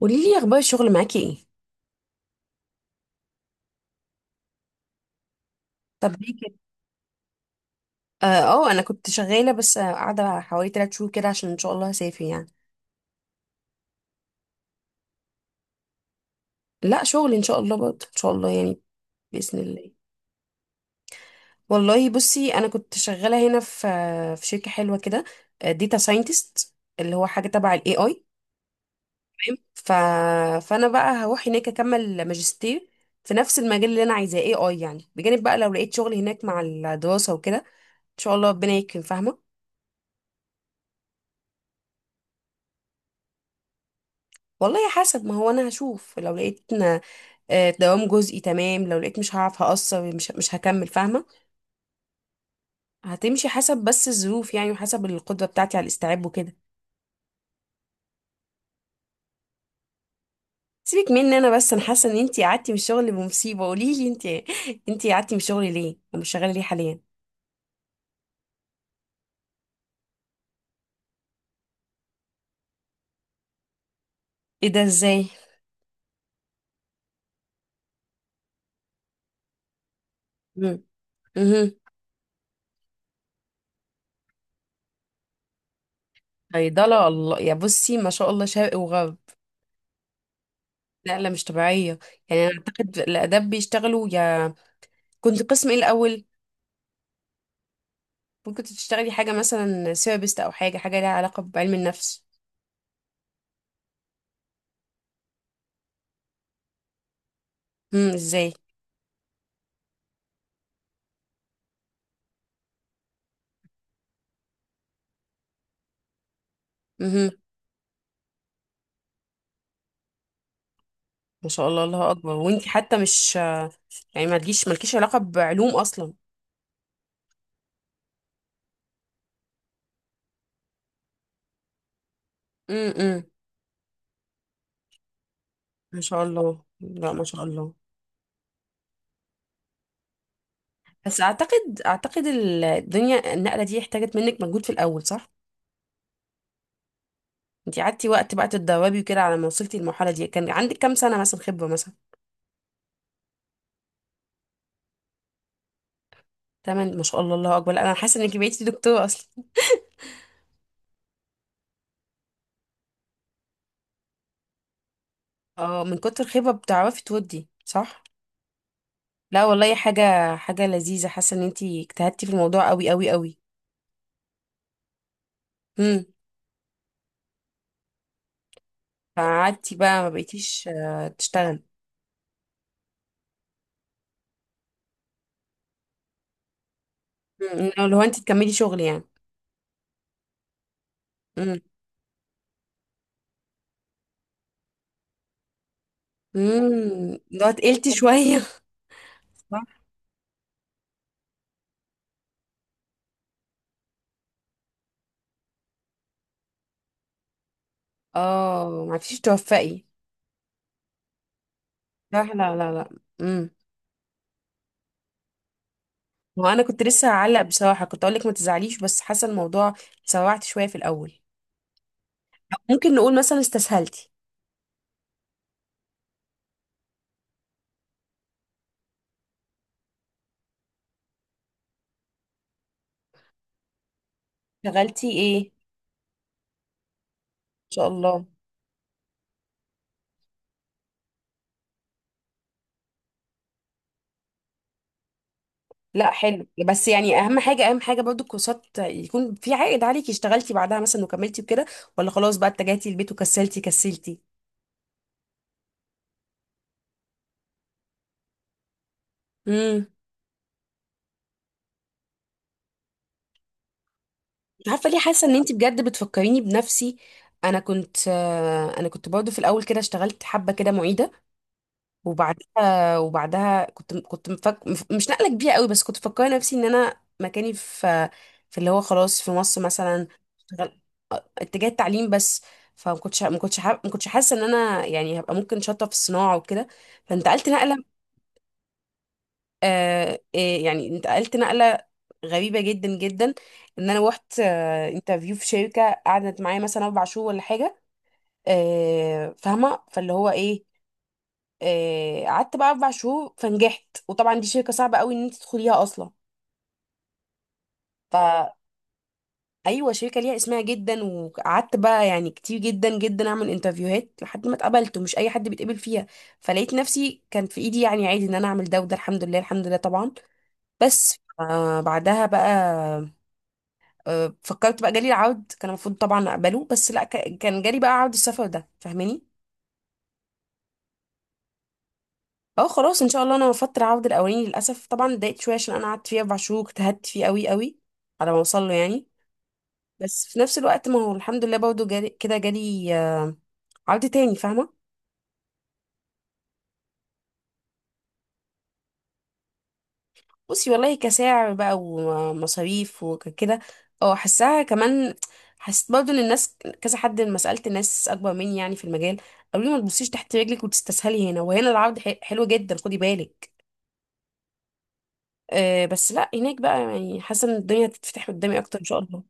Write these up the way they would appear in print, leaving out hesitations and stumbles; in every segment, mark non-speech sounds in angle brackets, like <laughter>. قولي لي اخبار الشغل معاكي ايه. طب ليه كده؟ اه، انا كنت شغاله. بس قاعده حوالي 3 شهور كده عشان ان شاء الله هسافر يعني. لا شغل ان شاء الله، برضه ان شاء الله يعني. باذن الله. والله بصي، انا كنت شغاله هنا في شركه حلوه كده. داتا ساينتست، اللي هو حاجه تبع الاي اي. تمام. فانا بقى هروح هناك اكمل ماجستير في نفس المجال اللي انا عايزاه، اي اي يعني. بجانب بقى لو لقيت شغل هناك مع الدراسه وكده، ان شاء الله ربنا يكرم. فاهمه؟ والله حسب. ما هو انا هشوف، لو لقيت دوام جزئي، تمام. لو لقيت مش هعرف هقصر، مش هكمل. فاهمه؟ هتمشي حسب بس الظروف يعني، وحسب القدره بتاعتي على الاستيعاب وكده. سيبك مني انا، بس انا حاسه ان انتي قعدتي من الشغل بمصيبه. قولي لي انتي، قعدتي من الشغل ليه ومش شغاله ليه حاليا؟ ايه ده؟ ازاي؟ امم، امم، صيدله؟ الله يا بصي، ما شاء الله، شرق وغرب. نقله مش طبيعيه. يعني انا اعتقد الاداب بيشتغلوا يا... كنت قسم ايه الاول؟ ممكن تشتغلي حاجة مثلا سيرابيست، أو حاجة، ليها علاقة بعلم النفس. امم، ازاي؟ امم، ما شاء الله، الله أكبر. وانتي حتى مش... يعني ما تجيش مالكيش علاقة بعلوم أصلا. امم، ما شاء الله، لا ما شاء الله. بس أعتقد، الدنيا النقلة دي احتاجت منك مجهود في الأول، صح؟ انتي قعدتي وقت بقى تتدربي وكده، على ما وصلتي للمرحلة دي كان عندك كام سنة مثلا خبرة مثلا؟ تمام، ما شاء الله الله أكبر. لا، أنا حاسة إنك بقيتي دكتورة أصلا. اه، من كتر الخبرة بتعرفي تودي، صح؟ لا والله، حاجة، لذيذة. حاسة ان انتي اجتهدتي في الموضوع قوي قوي قوي. امم، فقعدتي بقى ما بقيتيش تشتغل. امم، لو انتي تكملي شغل يعني. امم، امم، لو تقلتي <laughs> شوية. صح. اه، ما عرفتيش توفقي. صح. لا لا لا. امم. وانا كنت لسه هعلق بصراحة، كنت اقولك ما تزعليش، بس حاسة الموضوع سوعت شوية في الاول. ممكن نقول مثلا استسهلتي؟ شغلتي ايه ان شاء الله؟ لا حلو. بس يعني اهم حاجه، برضو الكورسات يكون في عائد عليكي. اشتغلتي بعدها مثلا وكملتي وكده، ولا خلاص بقى اتجهتي البيت وكسلتي كسلتي؟ امم. عارفه ليه حاسه ان انت بجد بتفكريني بنفسي؟ انا كنت، برضو في الاول كده اشتغلت حبه كده معيده. وبعدها كنت مش نقله كبيره قوي. بس كنت مفكره نفسي ان انا مكاني في اللي هو خلاص في مصر مثلا، اتجاه التعليم بس. فما كنتش ما كنتش حاسه ان انا يعني هبقى ممكن شاطره في الصناعه وكده. فانتقلت نقله. يعني انتقلت نقله غريبه جدا جدا. ان انا روحت انترفيو في شركه، قعدت معايا مثلا 4 شهور ولا حاجه. فاهمه؟ فاللي هو ايه، قعدت بقى 4 شهور. فنجحت، وطبعا دي شركه صعبه قوي ان انت تدخليها اصلا. ف ايوه، شركه ليها اسمها جدا. وقعدت بقى يعني كتير جدا جدا اعمل انترفيوهات لحد ما اتقبلت، ومش اي حد بيتقبل فيها. فلقيت نفسي كان في ايدي يعني عادي ان انا اعمل ده وده. الحمد لله، طبعا. بس بعدها بقى، فكرت بقى. جالي العرض، كان المفروض طبعا اقبله، بس لا. كان جالي بقى عرض السفر ده. فاهماني؟ اه، خلاص ان شاء الله. انا رفضت العرض الاولاني للاسف. طبعا اتضايقت شويه عشان انا قعدت فيه 4 شهور، اجتهدت فيه قوي قوي على ما اوصل له يعني. بس في نفس الوقت، ما هو الحمد لله برضه جالي كده، جالي عرض تاني. فاهمة؟ بصي والله، كسعر بقى ومصاريف وكده اه، حسها كمان. حسيت برضو ان الناس كذا حد لما سألت ناس اكبر مني يعني في المجال، قالوا لي ما تبصيش تحت رجلك وتستسهلي، هنا وهنا العرض حلو جدا، خدي بالك. أه بس لا هناك بقى يعني حاسة ان الدنيا هتتفتح قدامي اكتر ان شاء الله.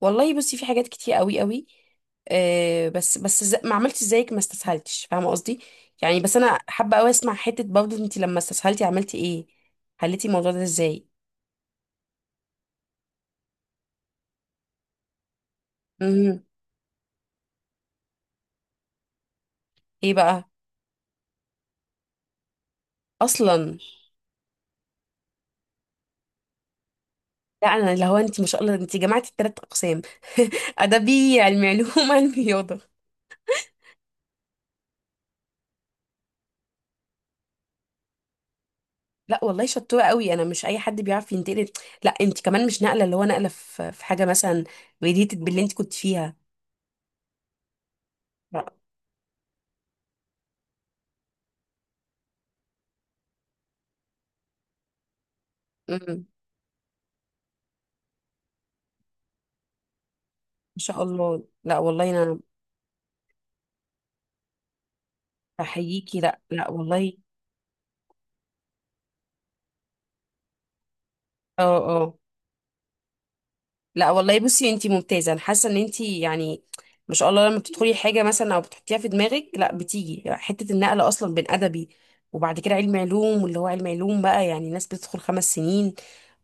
والله بصي، في حاجات كتير قوي قوي. أه بس ما عملتش زيك، ما استسهلتش. فاهمة قصدي؟ يعني بس انا حابة قوي اسمع حتة برضو انت لما استسهلتي عملتي ايه، حليتي الموضوع ده ازاي. مهم. ايه بقى اصلا؟ لا، انا اللي هو انت ما شاء الله، انت جمعتي التلات اقسام <laughs> ادبي، علمي علوم، علمي رياضه. لا والله شطوره قوي، انا مش اي حد بيعرف ينتقل. لا انت كمان مش نقله، اللي هو نقله في حاجه مثلا ريليتد باللي انت كنت فيها. لا. مم. ما شاء الله. لا والله انا بحييكي. لا لا والله. اه. اه. لا والله بصي، انتي ممتازه. انا حاسه ان انتي يعني ما شاء الله، لما بتدخلي حاجه مثلا او بتحطيها في دماغك، لا بتيجي حته. النقل اصلا بين ادبي وبعد كده علم علوم، واللي هو علم علوم بقى يعني ناس بتدخل 5 سنين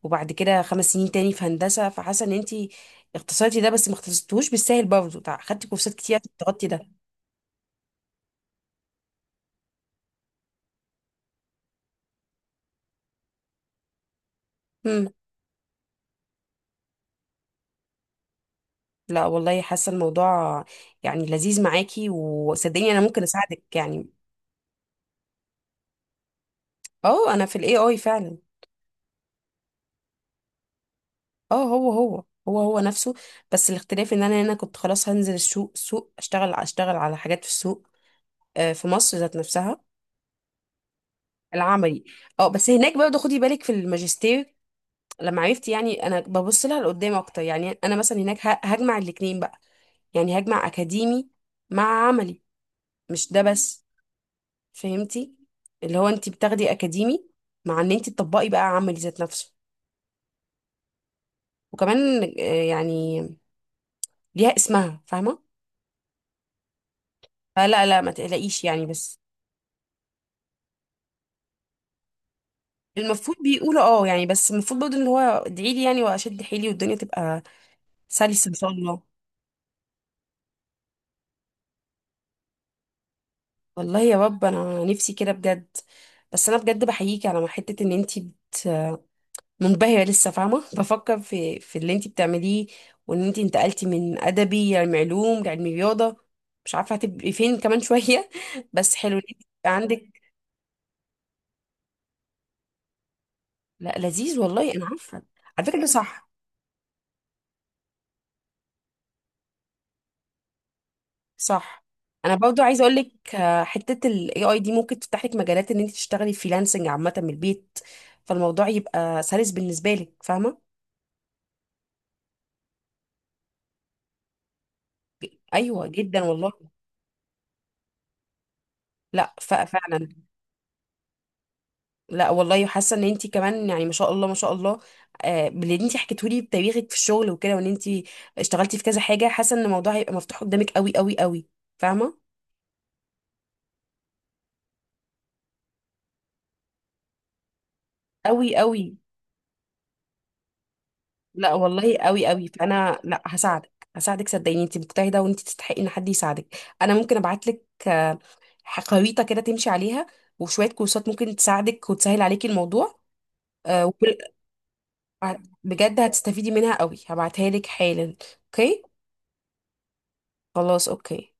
وبعد كده 5 سنين تاني في هندسه. فحاسه ان انتي اختصرتي ده، بس ما اختصرتوش بالسهل برضه. خدتي كورسات كتير عشان تغطي ده. مم. لا والله حاسه الموضوع يعني لذيذ معاكي، وصدقيني انا ممكن اساعدك يعني. اه، انا في الاي اي فعلا. اه، هو هو، هو هو نفسه. بس الاختلاف ان انا هنا كنت خلاص هنزل السوق، سوق اشتغل، على حاجات في السوق، في مصر ذات نفسها. العملي. اه، بس هناك برضه خدي بالك في الماجستير، لما عرفت يعني انا ببص لها لقدام اكتر. يعني انا مثلا هناك هجمع الاتنين بقى. يعني هجمع اكاديمي مع عملي، مش ده بس. فهمتي؟ اللي هو انت بتاخدي اكاديمي مع ان انت تطبقي بقى عملي ذات نفسه. وكمان يعني ليها اسمها، فاهمه؟ فلا لا، ما تقلقيش يعني. بس المفروض بيقولوا اه يعني. بس المفروض برضه اللي هو ادعي لي يعني، واشد حيلي، والدنيا تبقى سلسه ان شاء الله. والله يا رب، انا نفسي كده بجد. بس انا بجد بحييكي على حته ان انتي منبهره لسه، فاهمه؟ بفكر في اللي انتي بتعمليه، وان انتي انتقلتي من ادبي لعلم علوم لعلم رياضه. مش عارفه هتبقي فين كمان شويه <laughs> بس حلو ان انتي يبقى عندك. لا لذيذ والله، انا عارفه. على فكره ده صح. صح. انا برضو عايزه اقول لك، حته الاي اي دي ممكن تفتح لك مجالات ان انت تشتغلي فريلانسنج عامه من البيت. فالموضوع يبقى سلس بالنسبه لك، فاهمه؟ ايوه جدا والله. لا فعلا. لا والله حاسه ان انت كمان يعني ما شاء الله، ما شاء الله، باللي انت حكيته لي بتاريخك في الشغل وكده، وان انت اشتغلتي في كذا حاجه، حاسه ان الموضوع هيبقى مفتوح قدامك قوي قوي قوي، فاهمه؟ قوي قوي. لا والله قوي قوي. فانا لا هساعدك، صدقيني. انت مجتهده، وانت تستحقي ان حد يساعدك. انا ممكن ابعت لك خريطه كده تمشي عليها، وشويه كورسات ممكن تساعدك وتسهل عليكي الموضوع. آه، وكل- آه، بجد هتستفيدي منها قوي. هبعتها لك حالا. اوكي. خلاص اوكي.